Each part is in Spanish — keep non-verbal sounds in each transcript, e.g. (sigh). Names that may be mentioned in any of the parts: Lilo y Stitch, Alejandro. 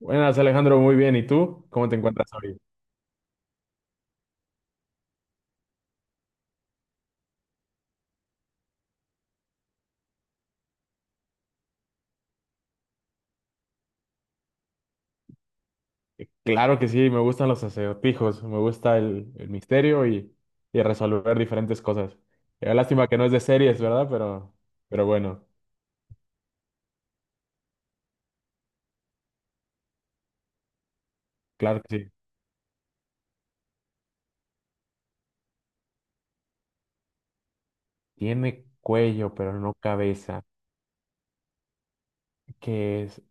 Buenas, Alejandro, muy bien. ¿Y tú? ¿Cómo te encuentras hoy? Claro que sí, me gustan los acertijos, me gusta el misterio y resolver diferentes cosas. Lástima que no es de series, ¿verdad? Pero bueno, claro que sí. Tiene cuello, pero no cabeza. ¿Qué es?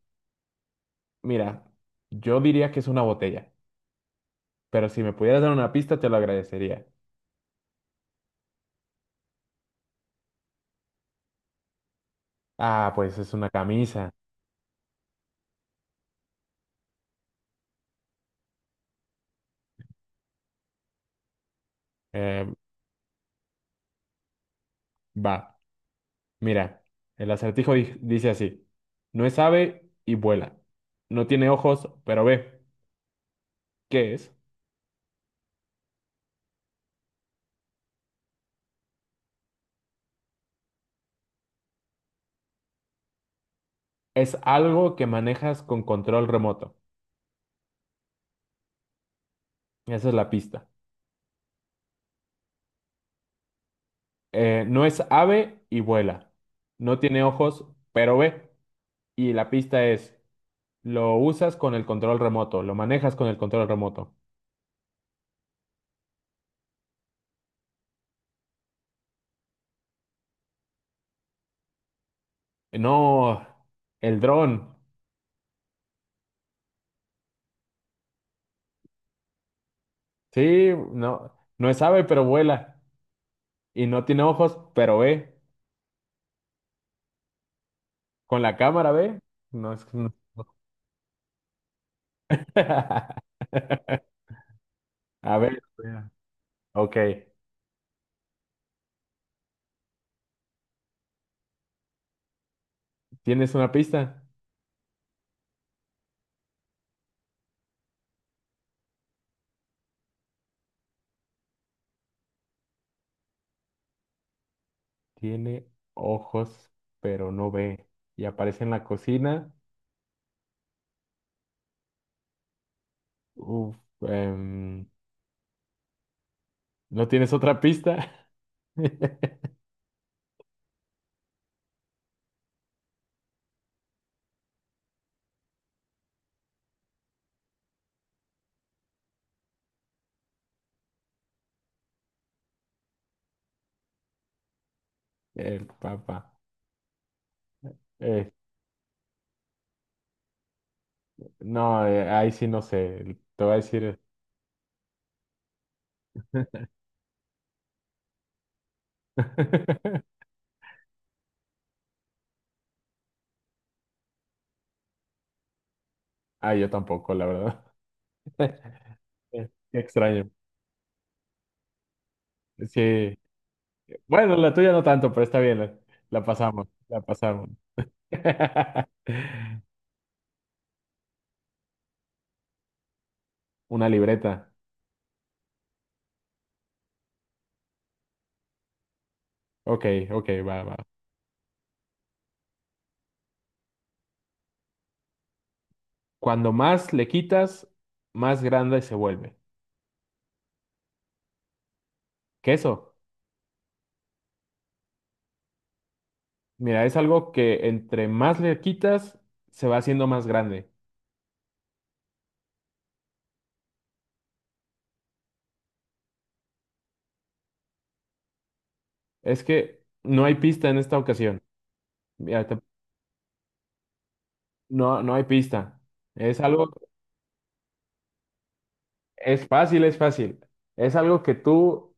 Mira, yo diría que es una botella, pero si me pudieras dar una pista, te lo agradecería. Ah, pues es una camisa. Eh, va. Mira, el acertijo dice así, no es ave y vuela, no tiene ojos, pero ve, ¿qué es? Es algo que manejas con control remoto, esa es la pista. No es ave y vuela, no tiene ojos, pero ve, y la pista es, lo usas con el control remoto, lo manejas con el control remoto. No, el dron, sí, no, no es ave, pero vuela, y no tiene ojos, pero ve, con la cámara ve, no es... (laughs) A ver, espera. Ok. ¿Tienes una pista? Tiene ojos, pero no ve. Y aparece en la cocina. Uf, em, ¿no tienes otra pista? (laughs) El papá. Eh, no, ahí sí no sé. Te voy a decir. (laughs) Ah, yo tampoco, la verdad. (laughs) Qué extraño. Sí. Bueno, la tuya no tanto, pero está bien. La pasamos, la pasamos. (laughs) Una libreta. Ok, ok, va, va. Cuando más le quitas, más grande se vuelve. Queso. Mira, es algo que entre más le quitas, se va haciendo más grande. Es que no hay pista en esta ocasión. Mira, no, no hay pista. Es algo, es fácil, es fácil. Es algo que tú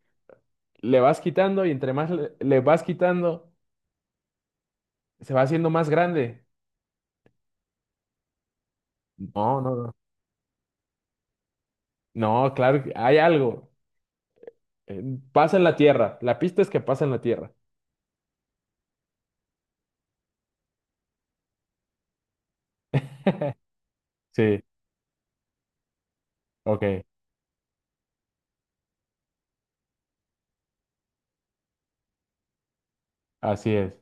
le vas quitando y entre más le vas quitando, se va haciendo más grande. No, no, no. No, claro, que hay algo. Eh, Pasa en la tierra. La pista es que pasa en la tierra. Sí, ok, así es.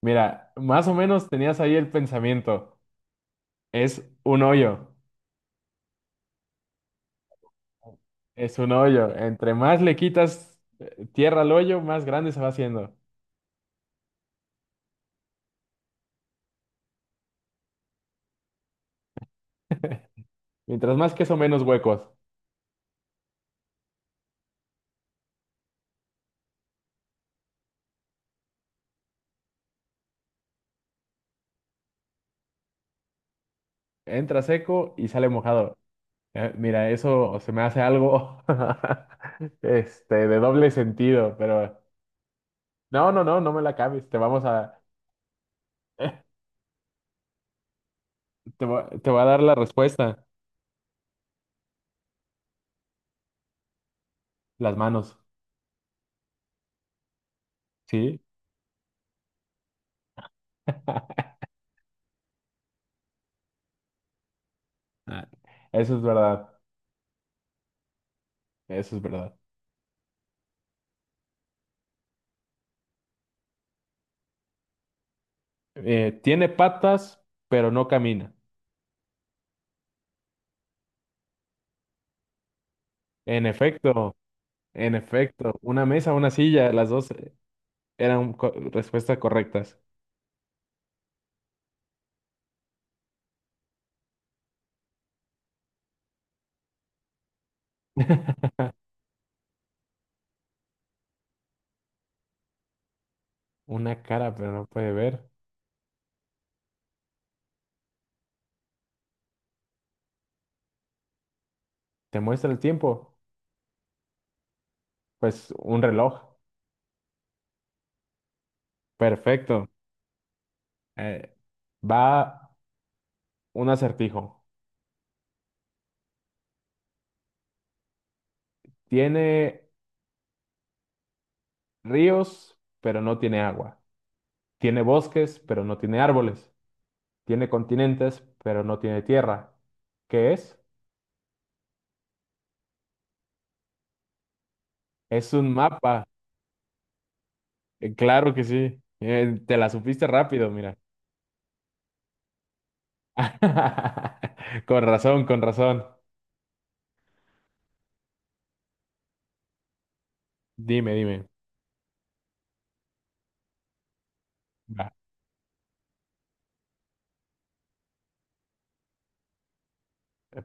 Mira, más o menos tenías ahí el pensamiento. Es un hoyo, es un hoyo. Entre más le quitas tierra al hoyo, más grande se va haciendo. Mientras más queso, menos huecos. Entra seco y sale mojado. Mira, eso se me hace algo (laughs) este, de doble sentido, pero no, no, no, no me la cambies. Te vamos a, (laughs) te voy a dar la respuesta. Las manos, ¿sí? (laughs) Ah, eso es verdad. Eso es verdad. Tiene patas, pero no camina. En efecto, en efecto. Una mesa, una silla, las dos eran respuestas correctas. Una cara, pero no puede ver. ¿Te muestra el tiempo? Pues un reloj. Perfecto. Eh, va un acertijo. Tiene ríos, pero no tiene agua. Tiene bosques, pero no tiene árboles. Tiene continentes, pero no tiene tierra. ¿Qué es? Es un mapa. Claro que sí. Te la supiste rápido, mira. (laughs) Con razón, con razón. Dime, dime. Va.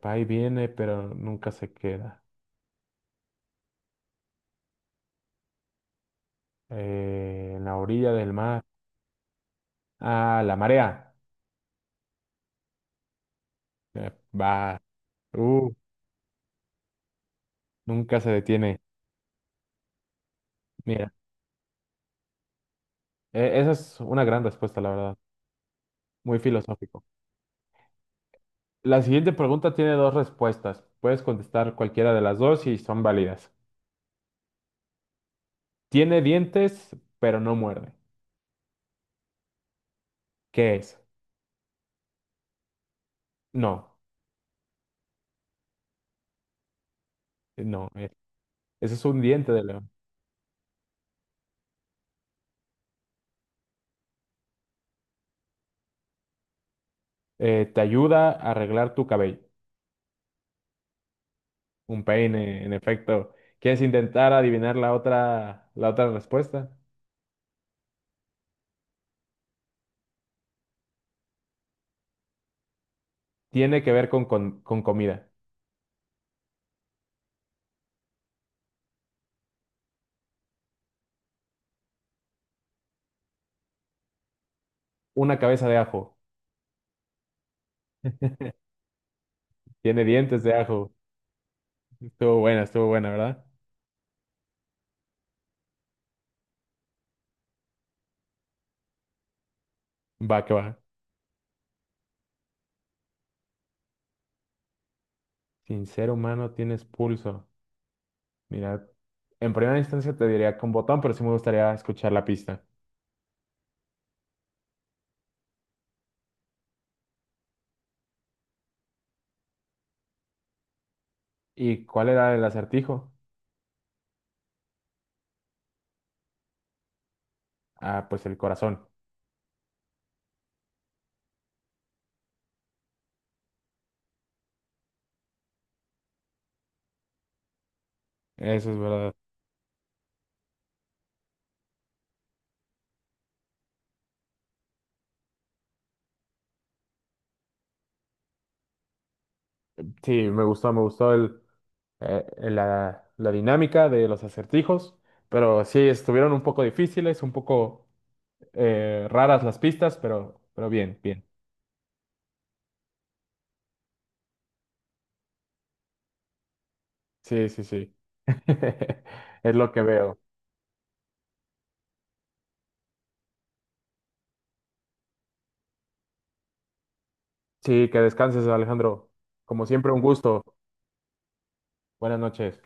Va y viene, pero nunca se queda. En la orilla del mar. Ah, la marea. Eh, va. Uh, nunca se detiene. Mira, esa es una gran respuesta, la verdad. Muy filosófico. La siguiente pregunta tiene dos respuestas. Puedes contestar cualquiera de las dos y son válidas. Tiene dientes, pero no muerde. ¿Qué es? No, no. Ese es un diente de león. Te ayuda a arreglar tu cabello. Un peine, en efecto. ¿Quieres intentar adivinar la otra respuesta? Tiene que ver con comida. Una cabeza de ajo. Tiene dientes de ajo. Estuvo buena, ¿verdad? Va que va. Sin ser humano tienes pulso. Mira, en primera instancia te diría con botón, pero sí me gustaría escuchar la pista. ¿Y cuál era el acertijo? Ah, pues el corazón. Eso es verdad. Sí, me gustó el... la dinámica de los acertijos, pero sí estuvieron un poco difíciles, un poco raras las pistas, pero bien, bien. Sí, sí, sí. (laughs) Es lo que veo. Sí, que descanses, Alejandro. Como siempre, un gusto. Buenas noches.